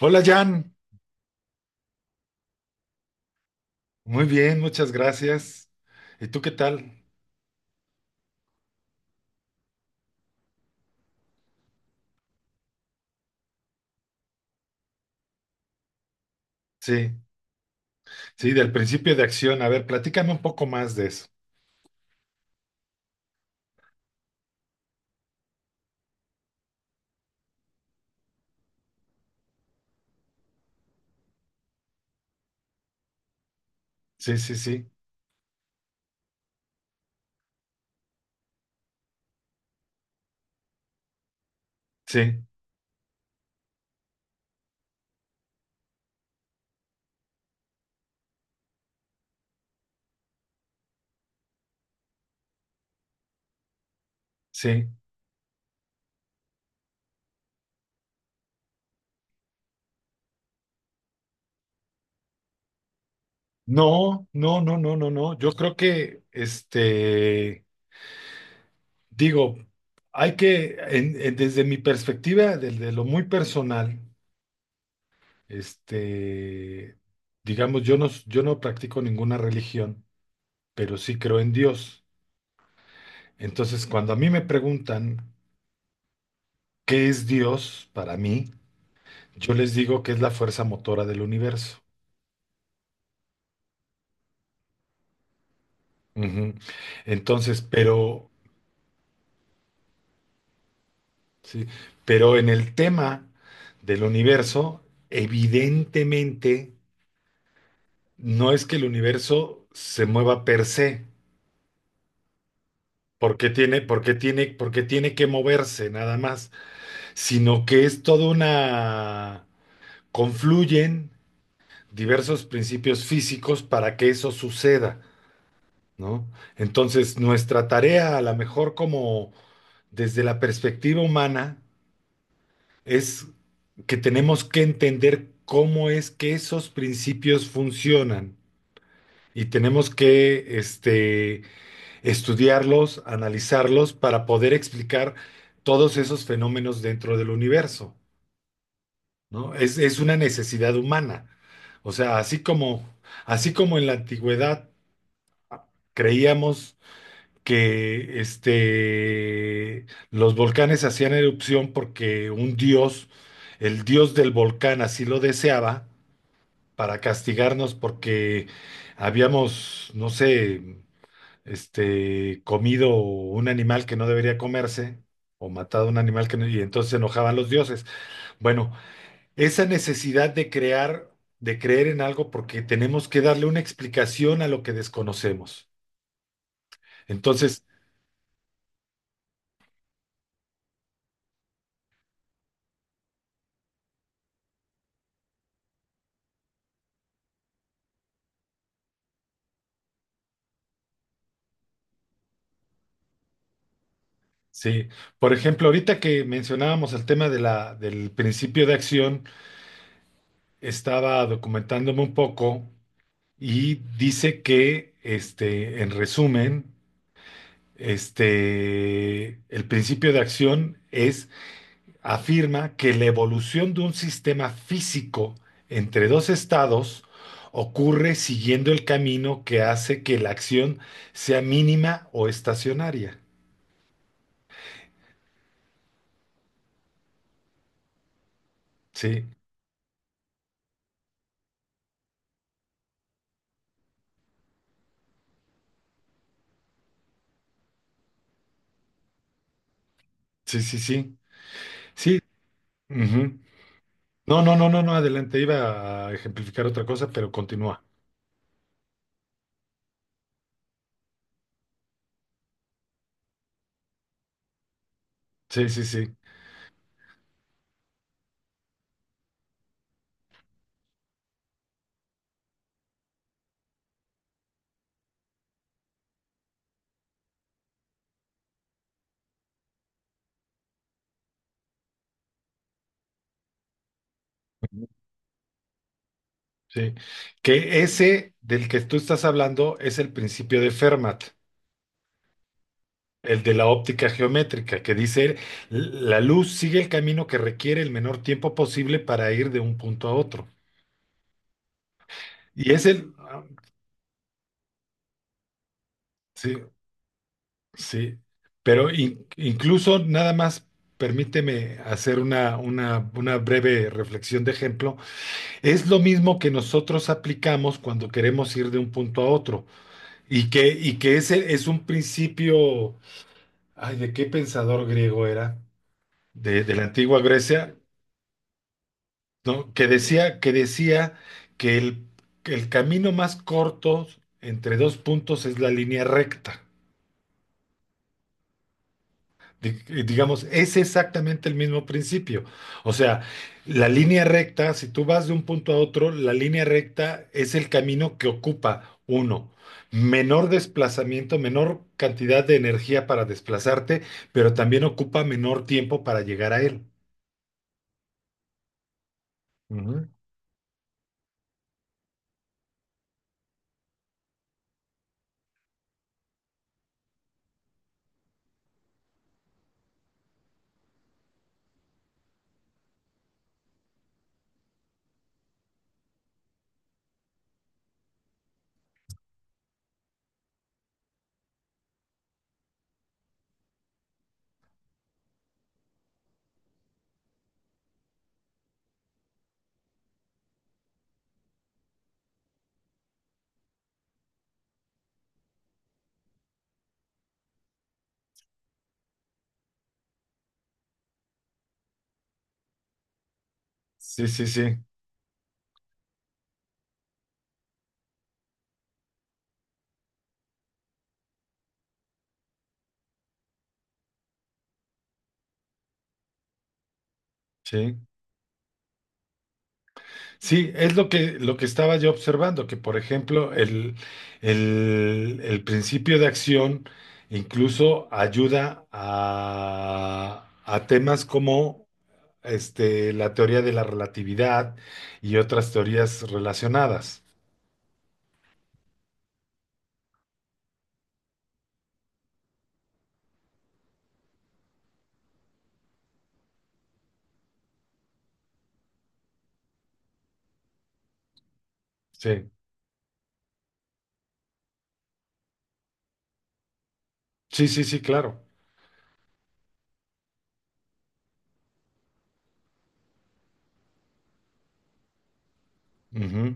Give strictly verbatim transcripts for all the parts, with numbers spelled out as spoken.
Hola Jan, muy bien, muchas gracias. ¿Y tú qué tal? Sí, sí, del principio de acción. A ver, platícame un poco más de eso. Sí, sí, sí, sí, sí. No, no, no, no, no, no. Yo creo que, este, digo, hay que, en- en- desde mi perspectiva, desde lo muy personal, este, digamos, yo no, yo no practico ninguna religión, pero sí creo en Dios. Entonces, cuando a mí me preguntan, ¿qué es Dios para mí? Yo les digo que es la fuerza motora del universo. Ujú. Entonces, pero, sí, pero en el tema del universo, evidentemente, no es que el universo se mueva per se, porque tiene, porque tiene, porque tiene que moverse nada más, sino que es toda una, confluyen diversos principios físicos para que eso suceda. ¿No? Entonces, nuestra tarea, a lo mejor como desde la perspectiva humana, es que tenemos que entender cómo es que esos principios funcionan y tenemos que este, estudiarlos, analizarlos para poder explicar todos esos fenómenos dentro del universo, ¿no? Es, es una necesidad humana. O sea, así como, así como en la antigüedad creíamos que este, los volcanes hacían erupción porque un dios, el dios del volcán, así lo deseaba para castigarnos porque habíamos, no sé, este, comido un animal que no debería comerse, o matado un animal que no, y entonces se enojaban los dioses. Bueno, esa necesidad de crear, de creer en algo porque tenemos que darle una explicación a lo que desconocemos. Entonces, sí, por ejemplo, ahorita que mencionábamos el tema de la, del principio de acción, estaba documentándome un poco y dice que, este, en resumen, este, el principio de acción es, afirma que la evolución de un sistema físico entre dos estados ocurre siguiendo el camino que hace que la acción sea mínima o estacionaria. Sí, sí, sí, sí. Sí. Ujú. No, no, no, no, no, adelante, iba a ejemplificar otra cosa, pero continúa. Sí, sí, sí. Ujú. Sí. Que ese del que tú estás hablando es el principio de Fermat, el de la óptica geométrica, que dice, la luz sigue el camino que requiere el menor tiempo posible para ir de un punto a otro. Y es el, ah, sí, sí, pero in- incluso nada más, permíteme hacer una, una, una breve reflexión de ejemplo. Es lo mismo que nosotros aplicamos cuando queremos ir de un punto a otro y que, y que ese es un principio, ay, ¿de qué pensador griego era? De, de la antigua Grecia, ¿no? Que decía, que decía que el, que el camino más corto entre dos puntos es la línea recta. Di- eh, Digamos, es exactamente el mismo principio. O sea, la línea recta, si tú vas de un punto a otro, la línea recta es el camino que ocupa uno. Menor desplazamiento, menor cantidad de energía para desplazarte, pero también ocupa menor tiempo para llegar a él. Ujú. Sí, sí, sí, sí. Sí, es lo que, lo que estaba yo observando, que por ejemplo el, el- el principio de acción incluso ayuda a, a temas como este, la teoría de la relatividad y otras teorías relacionadas. Sí, sí, sí, sí, claro. Ujú.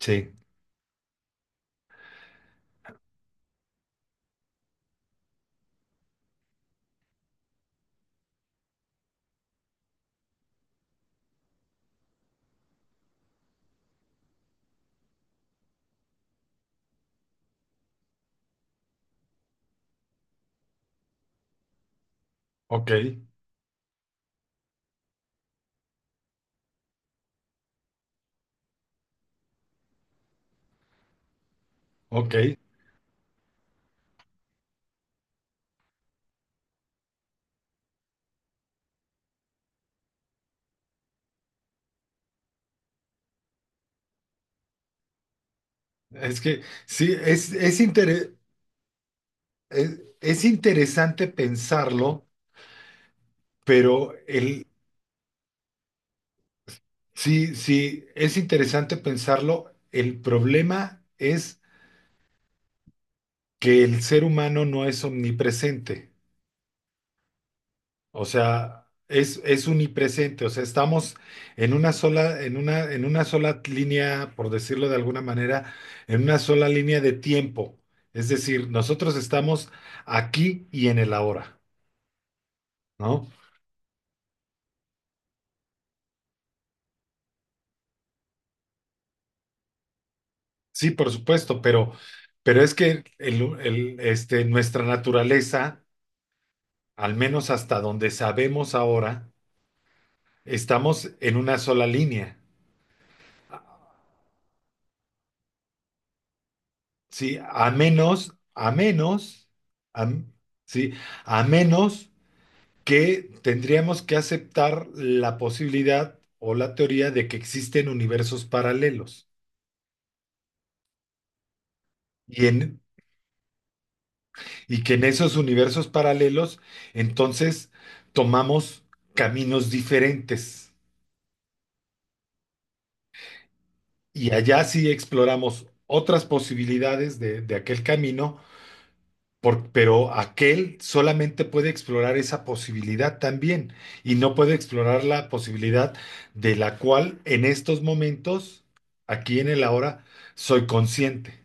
Sí, ok, ok. Es que sí, es, es, intere- es es interesante pensarlo, pero el, sí, sí, es interesante pensarlo. El problema es que el ser humano no es omnipresente, o sea, es, es unipresente, o sea, estamos en una sola, en una, en una sola línea, por decirlo de alguna manera, en una sola línea de tiempo. Es decir, nosotros estamos aquí y en el ahora, ¿no? Sí, por supuesto, pero, pero es que el- el- este, nuestra naturaleza, al menos hasta donde sabemos ahora, estamos en una sola línea, ¿sí? A menos, a menos, a- ¿sí? A menos que tendríamos que aceptar la posibilidad o la teoría de que existen universos paralelos y, en, y que en esos universos paralelos entonces tomamos caminos diferentes y allá sí exploramos otras posibilidades de de aquel camino. Por- pero aquel solamente puede explorar esa posibilidad también y no puede explorar la posibilidad de la cual en estos momentos, aquí en el ahora, soy consciente.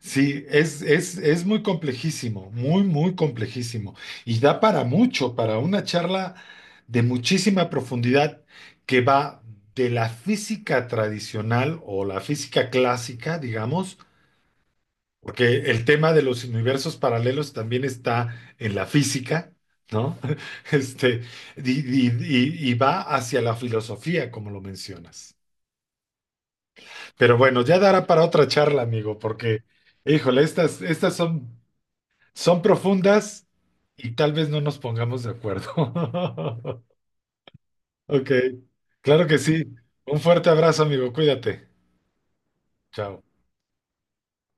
Sí, es, es, es muy complejísimo, muy, muy complejísimo. Y da para mucho, para una charla de muchísima profundidad que va de la física tradicional o la física clásica, digamos. Porque el tema de los universos paralelos también está en la física, ¿no? Este, y, y- y- y va hacia la filosofía, como lo mencionas. Pero bueno, ya dará para otra charla, amigo, porque, híjole, estas, estas son, son profundas y tal vez no nos pongamos de acuerdo. Ok, claro que sí. Un fuerte abrazo, amigo. Cuídate. Chao.